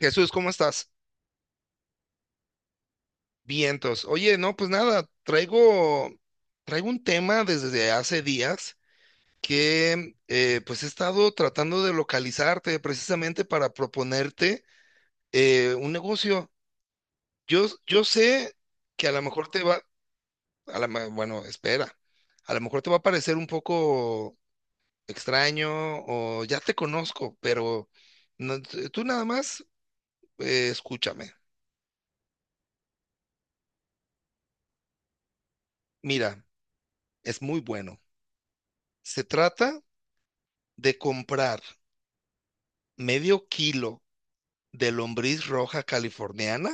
Jesús, ¿cómo estás? Vientos. Oye, no, pues nada, traigo un tema desde hace días que pues he estado tratando de localizarte precisamente para proponerte un negocio. Yo sé que a lo mejor te va, a la ma- bueno, espera, a lo mejor te va a parecer un poco extraño o ya te conozco, pero no- tú nada más escúchame. Mira, es muy bueno. Se trata de comprar medio kilo de lombriz roja californiana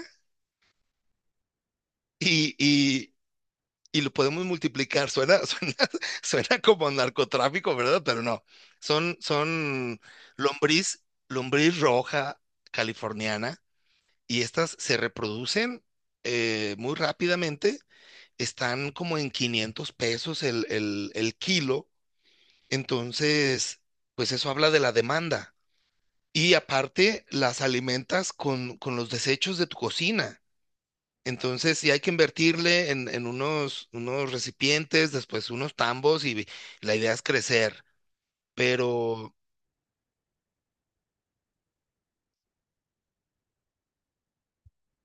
y, y, y lo podemos multiplicar. Suena, suena como narcotráfico, ¿verdad? Pero no. Son lombriz roja californiana y estas se reproducen muy rápidamente. Están como en 500 pesos el kilo. Entonces, pues eso habla de la demanda. Y aparte, las alimentas con los desechos de tu cocina. Entonces, sí hay que invertirle en unos recipientes, después unos tambos y la idea es crecer. Pero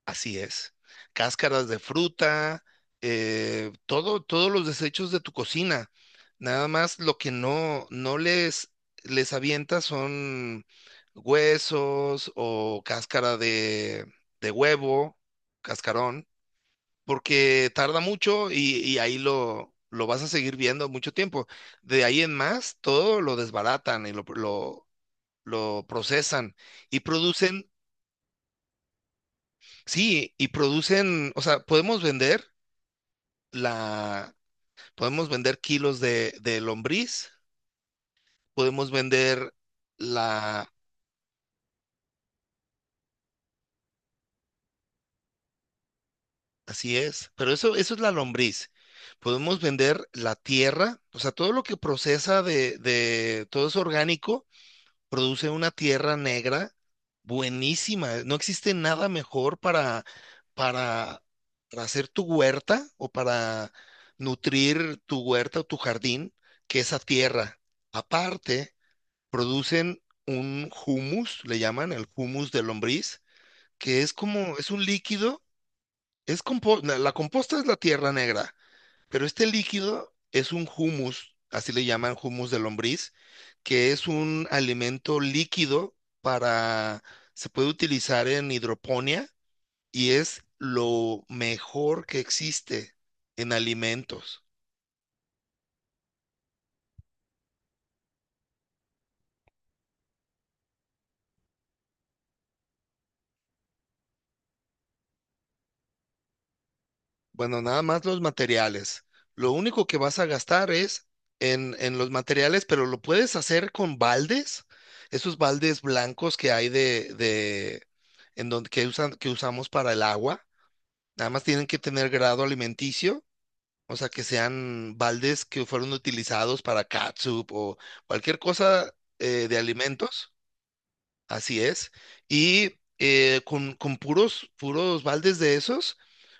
así es. Cáscaras de fruta, todos los desechos de tu cocina. Nada más lo que no les, avienta son huesos o cáscara de huevo, cascarón. Porque tarda mucho y ahí lo vas a seguir viendo mucho tiempo. De ahí en más, todo lo desbaratan y lo procesan y producen, sí, y producen, o sea, podemos vender la, podemos vender kilos de lombriz, podemos vender la, así es, pero eso es la lombriz. Podemos vender la tierra, o sea, todo lo que procesa de todo es orgánico, produce una tierra negra buenísima. No existe nada mejor para, para hacer tu huerta o para nutrir tu huerta o tu jardín que esa tierra. Aparte, producen un humus, le llaman el humus de lombriz, que es como, es un líquido, es compo- la la composta es la tierra negra, pero este líquido es un humus, así le llaman humus de lombriz, que es un alimento líquido para, se puede utilizar en hidroponía y es lo mejor que existe en alimentos. Bueno, nada más los materiales. Lo único que vas a gastar es en los materiales, pero lo puedes hacer con baldes, esos baldes blancos que hay de en donde que usamos para el agua. Nada más tienen que tener grado alimenticio. O sea, que sean baldes que fueron utilizados para catsup o cualquier cosa, de alimentos. Así es. Y con puros baldes de esos,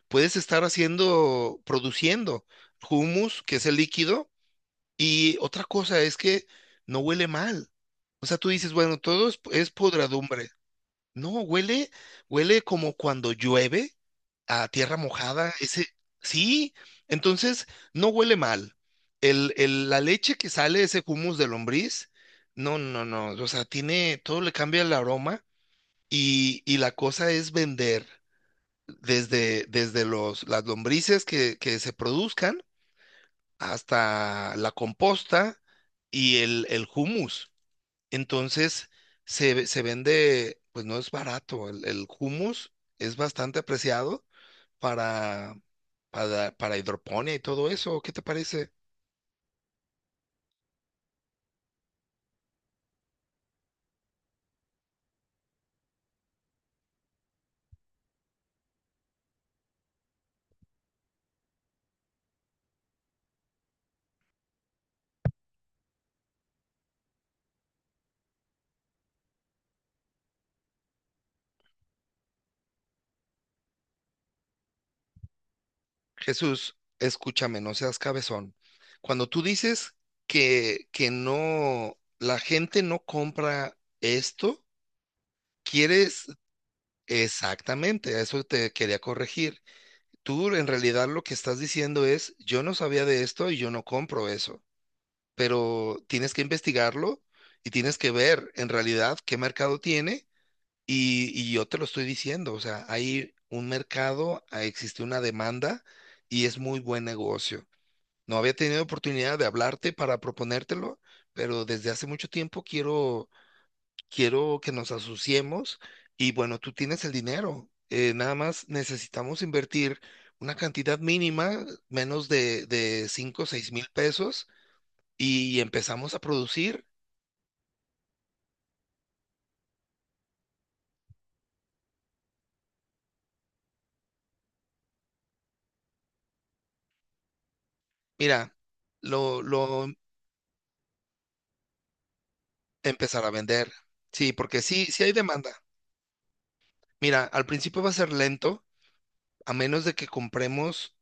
puedes estar haciendo, produciendo hummus, que es el líquido. Y otra cosa es que no huele mal. O sea, tú dices, bueno, todo es podredumbre. No, huele, huele como cuando llueve a tierra mojada, ese, sí, entonces no huele mal. La leche que sale, ese humus de lombriz, no, no, no, o sea, todo le cambia el aroma y la cosa es vender desde las lombrices que se produzcan hasta la composta y el humus. Entonces, se vende, pues no es barato, el humus es bastante apreciado para, para hidroponía y todo eso. ¿Qué te parece? Jesús, escúchame, no seas cabezón. Cuando tú dices que no, la gente no compra esto, quieres exactamente, a eso te quería corregir. Tú en realidad lo que estás diciendo es, yo no sabía de esto y yo no compro eso, pero tienes que investigarlo y tienes que ver en realidad qué mercado tiene. Y yo te lo estoy diciendo, o sea, hay un mercado, ah, existe una demanda y es muy buen negocio. No había tenido oportunidad de hablarte para proponértelo, pero desde hace mucho tiempo quiero, quiero que nos asociemos y bueno, tú tienes el dinero. Nada más necesitamos invertir una cantidad mínima, menos de 5,000 o 6,000 pesos y empezamos a producir. Mira, lo empezar a vender. Sí, porque sí hay demanda. Mira, al principio va a ser lento, a menos de que compremos.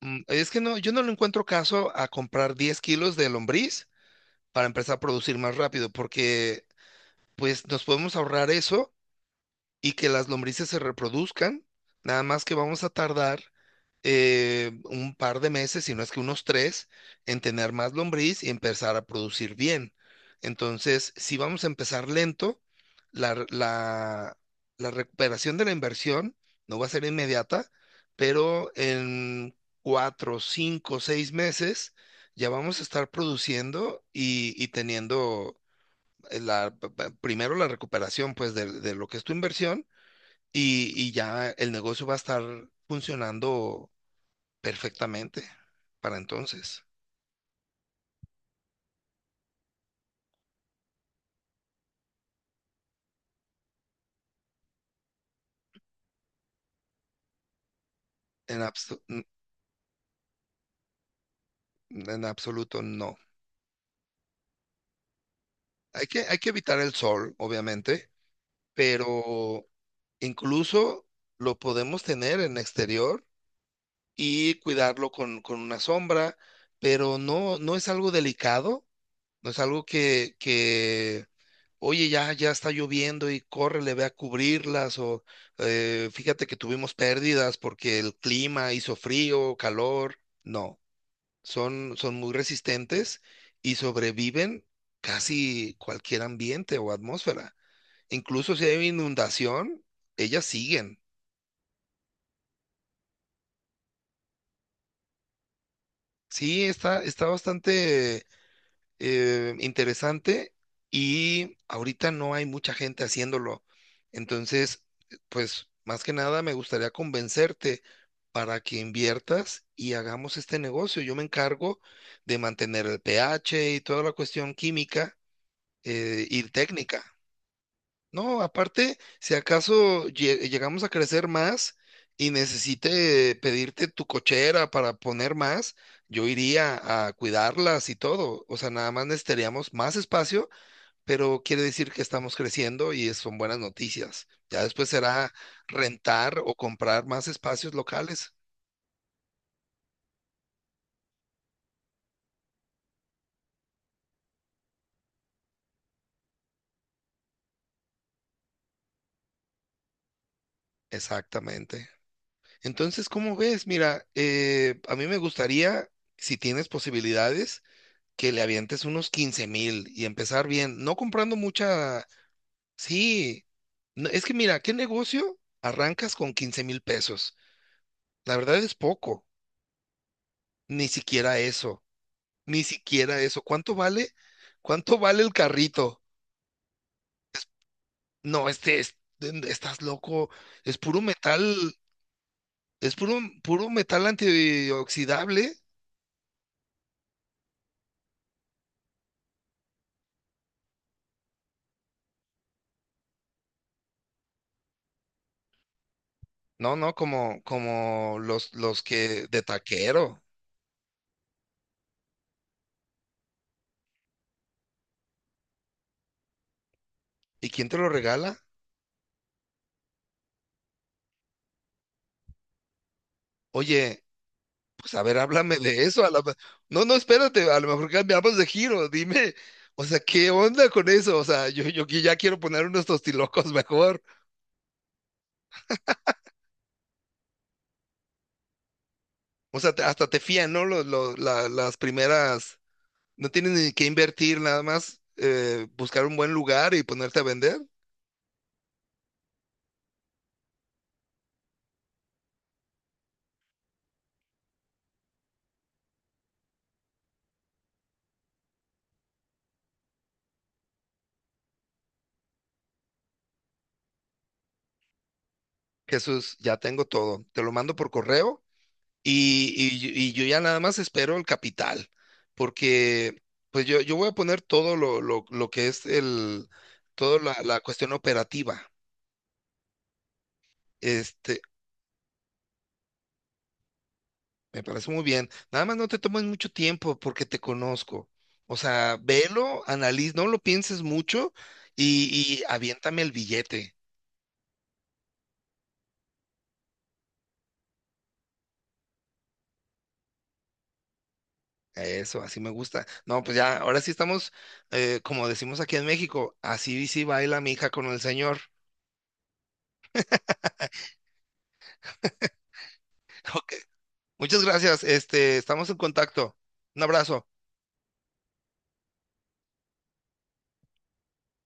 Es que no, yo no le encuentro caso a comprar 10 kilos de lombriz para empezar a producir más rápido, porque pues nos podemos ahorrar eso y que las lombrices se reproduzcan, nada más que vamos a tardar un par de meses, si no es que unos tres, en tener más lombriz y empezar a producir bien. Entonces, si vamos a empezar lento, la, re- la- la recuperación de la inversión no va a ser inmediata, pero en 4, 5, 6 meses ya vamos a estar produciendo y teniendo eh, la, primero la recuperación pues de lo que es tu inversión y ya el negocio va a estar funcionando perfectamente para entonces. En, abso- n- en absoluto no. Hay que evitar el sol, obviamente, pero incluso lo podemos tener en exterior y cuidarlo con una sombra, pero no es algo delicado, no es algo que oye, ya está lloviendo y córrele, ve a cubrirlas, o fíjate que tuvimos pérdidas porque el clima hizo frío, calor. No, son muy resistentes y sobreviven casi cualquier ambiente o atmósfera. Incluso si hay inundación, ellas siguen. Sí, está, bastante interesante y ahorita no hay mucha gente haciéndolo. Entonces, pues más que nada me gustaría convencerte para que inviertas y hagamos este negocio. Yo me encargo de mantener el pH y toda la cuestión química y técnica. No, aparte, si acaso llegamos a crecer más y necesite pedirte tu cochera para poner más, yo iría a cuidarlas y todo. O sea, nada más necesitaríamos más espacio, pero quiere decir que estamos creciendo y son buenas noticias. Ya después será rentar o comprar más espacios locales. Exactamente. Entonces, ¿cómo ves? Mira, a mí me gustaría, si tienes posibilidades, que le avientes unos 15,000 y empezar bien, no comprando mucha, sí, no, es que mira, ¿qué negocio arrancas con 15,000 pesos? La verdad es poco, ni siquiera eso, ni siquiera eso. ¿Cuánto vale? ¿Cuánto vale el carrito? No, estás loco, es puro metal, es puro metal antioxidable. No, no, como los que de taquero. ¿Y quién te lo regala? Oye, pues a ver, háblame de eso. A la... ma-. No, no, espérate, a lo mejor cambiamos de giro, dime. O sea, ¿qué onda con eso? O sea, yo que ya quiero poner unos tostilocos mejor. O sea, hasta te fían, ¿no? Las primeras, no tienes ni que invertir nada más, buscar un buen lugar y ponerte a vender. Jesús, ya tengo todo. Te lo mando por correo y yo ya nada más espero el capital, porque pues yo voy a poner todo lo que toda la cuestión operativa. Este, Me parece muy bien. Nada más no te tomes mucho tiempo porque te conozco. O sea, velo, analiz, no lo pienses mucho y aviéntame el billete. Eso, así me gusta. No, pues ya, ahora sí estamos, como decimos aquí en México, así sí baila mi hija con el señor. Ok, muchas gracias. Estamos en contacto. Un abrazo.